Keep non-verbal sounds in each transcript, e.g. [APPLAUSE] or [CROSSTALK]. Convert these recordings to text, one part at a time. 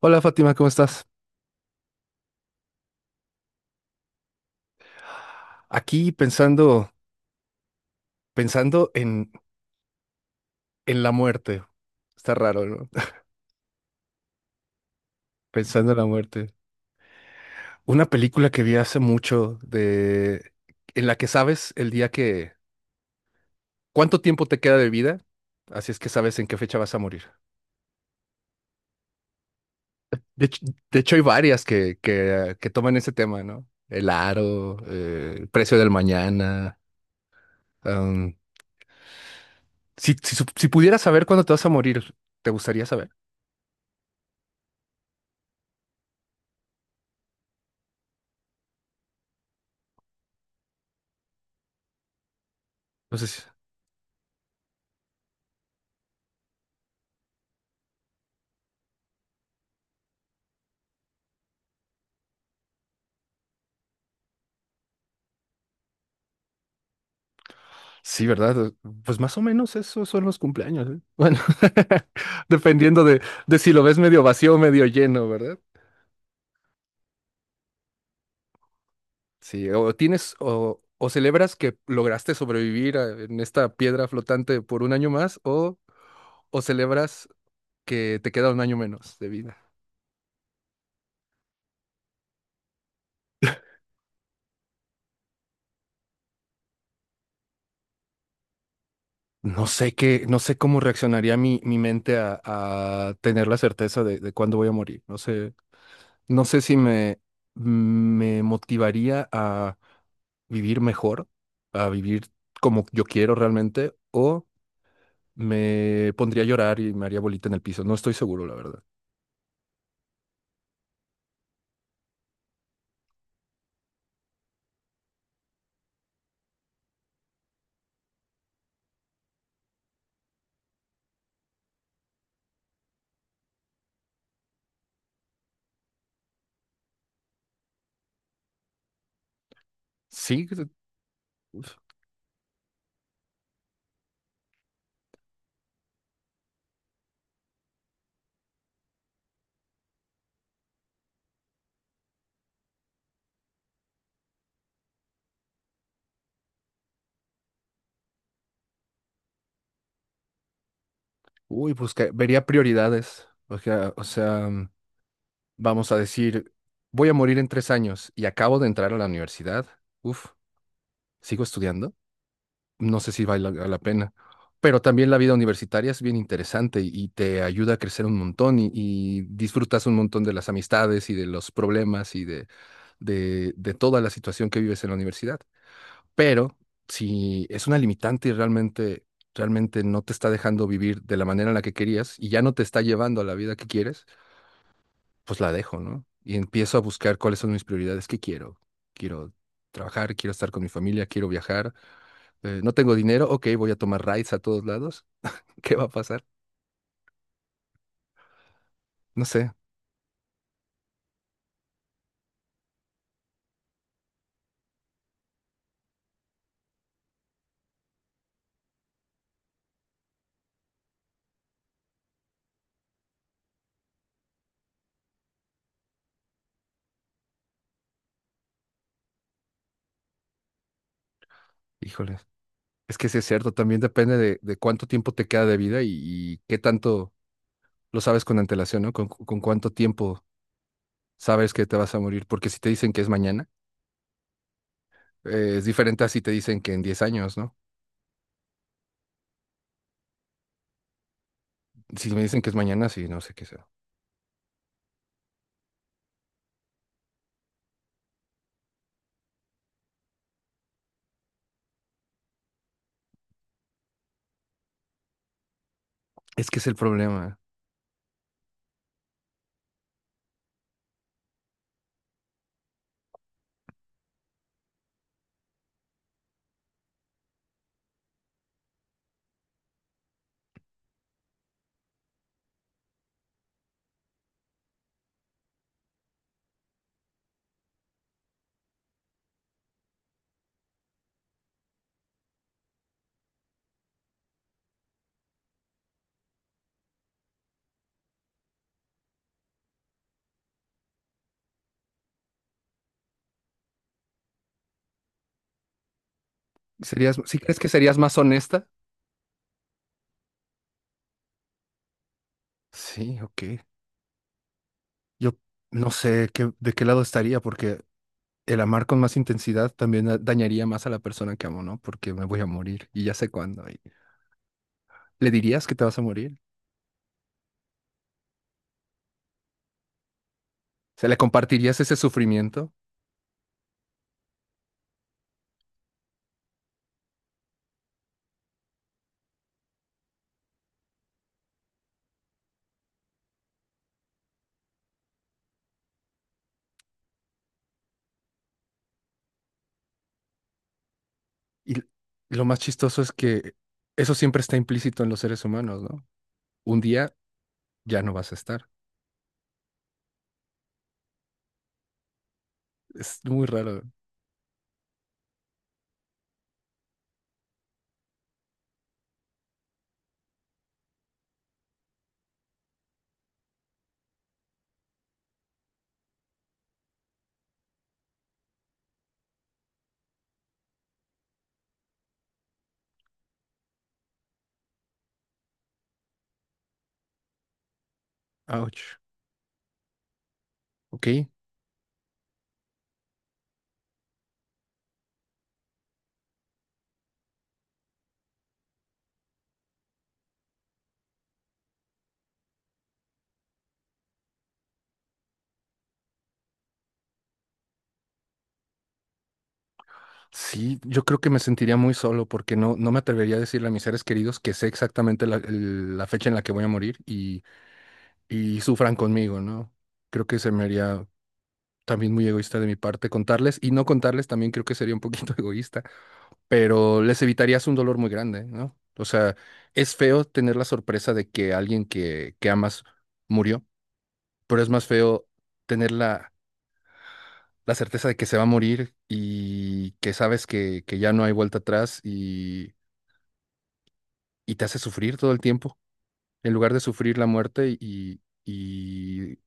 Hola Fátima, ¿cómo estás? Aquí pensando en la muerte. Está raro, ¿no? [LAUGHS] Pensando en la muerte. Una película que vi hace mucho de en la que sabes el día que cuánto tiempo te queda de vida, así es que sabes en qué fecha vas a morir. De hecho, de hecho, hay varias que toman ese tema, ¿no? El aro, el precio del mañana. Am, si, si, sup- si pudieras saber cuándo te vas a morir, ¿te gustaría saber? No sé si- Sí, ¿verdad? Pues más o menos esos son los cumpleaños, ¿eh? Bueno, [LAUGHS] dependiendo de, si lo ves medio vacío o medio lleno, ¿verdad? Sí, o tienes o celebras que lograste sobrevivir en esta piedra flotante por un año más o celebras que te queda un año menos de vida. No sé cómo reaccionaría mi mente a tener la certeza de cuándo voy a morir. No sé. No sé si me motivaría a vivir mejor, a vivir como yo quiero realmente, o me pondría a llorar y me haría bolita en el piso. No estoy seguro, la verdad. Sí, que- uf, uy, pues que vería prioridades. O sea, vamos a decir, voy a morir en 3 años y acabo de entrar a la universidad. Uf, sigo estudiando. No sé si vale la pena. Pero también la vida universitaria es bien interesante y te ayuda a crecer un montón y disfrutas un montón de las amistades y de los problemas y de toda la situación que vives en la universidad. Pero si es una limitante y realmente, no te está dejando vivir de la manera en la que querías y ya no te está llevando a la vida que quieres, pues la dejo, ¿no? Y empiezo a buscar cuáles son mis prioridades, qué quiero. Quiero trabajar, quiero estar con mi familia, quiero viajar. No tengo dinero, ok, voy a tomar rides a todos lados. [LAUGHS] ¿Qué va a pasar? No sé, híjoles. Es que sí es cierto, también depende de cuánto tiempo te queda de vida y qué tanto lo sabes con antelación, ¿no? Con cuánto tiempo sabes que te vas a morir, porque si te dicen que es mañana, es diferente a si te dicen que en 10 años, ¿no? Si me dicen que es mañana, sí, no sé qué sea. Es que es el problema. ¿Serías, si crees que serías más honesta? Sí, ok. Yo no sé qué, de qué lado estaría, porque el amar con más intensidad también dañaría más a la persona que amo, ¿no? Porque me voy a morir y ya sé cuándo. Y- ¿Le dirías que te vas a morir? ¿Se le compartirías ese sufrimiento? Y lo más chistoso es que eso siempre está implícito en los seres humanos, ¿no? Un día ya no vas a estar. Es muy raro. Ouch. Ok. Sí, yo creo que me sentiría muy solo porque no me atrevería a decirle a mis seres queridos que sé exactamente la fecha en la que voy a morir y sufran conmigo, ¿no? Creo que se me haría también muy egoísta de mi parte contarles, y no contarles también creo que sería un poquito [LAUGHS] egoísta, pero les evitarías un dolor muy grande, ¿no? O sea, es feo tener la sorpresa de que alguien que amas murió, pero es más feo tener la, la certeza de que se va a morir y que sabes que ya no hay vuelta atrás y te hace sufrir todo el tiempo, en lugar de sufrir la muerte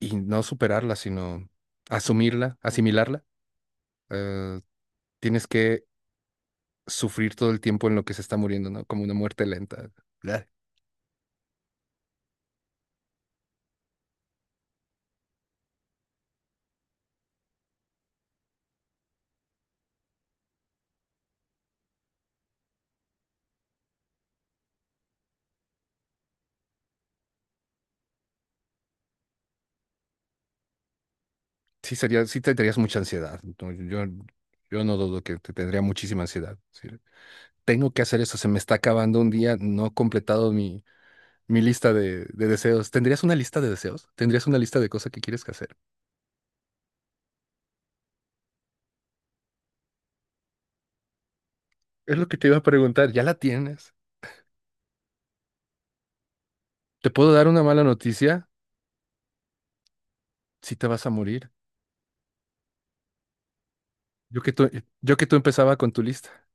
y no superarla, sino asumirla, asimilarla. Eh, tienes que sufrir todo el tiempo en lo que se está muriendo, ¿no? Como una muerte lenta. Bleh. Sí, sería, sí tendrías mucha ansiedad, ¿no? Yo no dudo que te tendría muchísima ansiedad. Sí. Tengo que hacer eso, se me está acabando un día, no he completado mi lista de deseos. ¿Tendrías una lista de deseos? ¿Tendrías una lista de cosas que quieres que hacer? Es lo que te iba a preguntar, ya la tienes. ¿Te puedo dar una mala noticia? Si te vas a morir. Yo que tú, yo que tú empezaba con tu lista.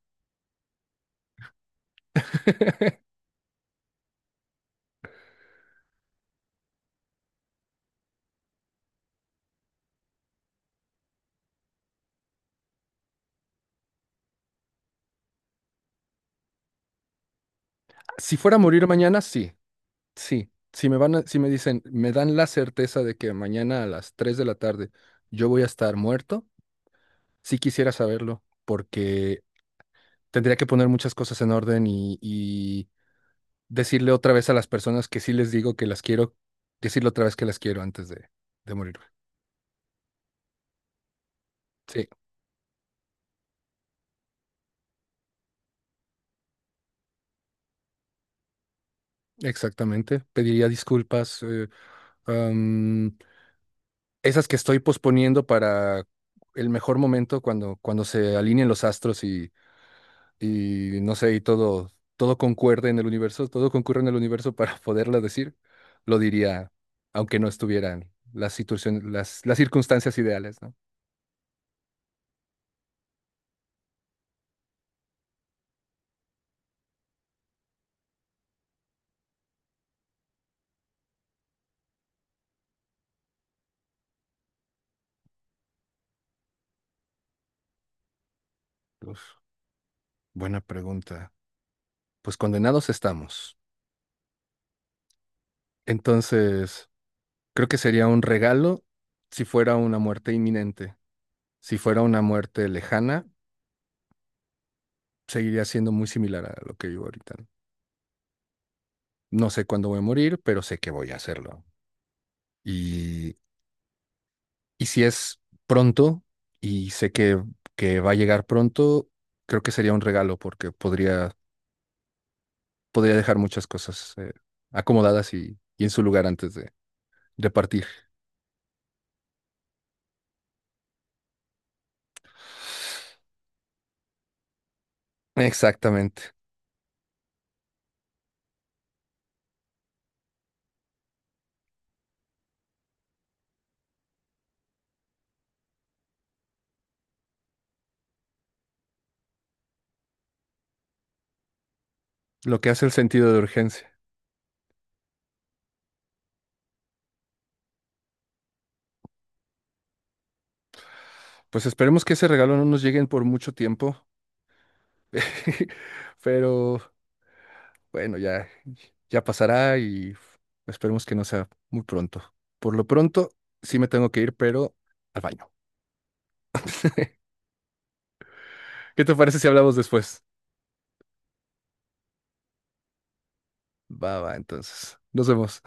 Si fuera a morir mañana, sí, sí. Si me dicen, me dan la certeza de que mañana a las 3 de la tarde yo voy a estar muerto, sí quisiera saberlo, porque tendría que poner muchas cosas en orden y decirle otra vez a las personas que sí les digo que las quiero, decirle otra vez que las quiero antes de morir. Sí, exactamente. Pediría disculpas, am, esas que estoy posponiendo para el mejor momento cuando, se alineen los astros y no sé, y todo concuerde en el universo, todo concurre en el universo para [LAUGHS] poderla decir, lo diría, aunque no estuvieran las situaciones, las circunstancias ideales, ¿no? Uf, buena pregunta. Pues condenados estamos. Entonces, creo que sería un regalo si fuera una muerte inminente. Si fuera una muerte lejana, seguiría siendo muy similar a lo que vivo ahorita. No No sé cuándo voy a morir, pero sé que voy a hacerlo. Y, y si es pronto, y sé que, va a llegar pronto, creo que sería un regalo porque podría dejar muchas cosas, acomodadas y en su lugar antes de partir. Exactamente. Lo que hace el sentido de urgencia. Pues esperemos que ese regalo no nos lleguen por mucho tiempo, [LAUGHS] pero bueno, ya, pasará y esperemos que no sea muy pronto. Por lo pronto, sí me tengo que ir, pero al baño. [LAUGHS] ¿Qué te parece si hablamos después? Va, va, entonces. Nos vemos.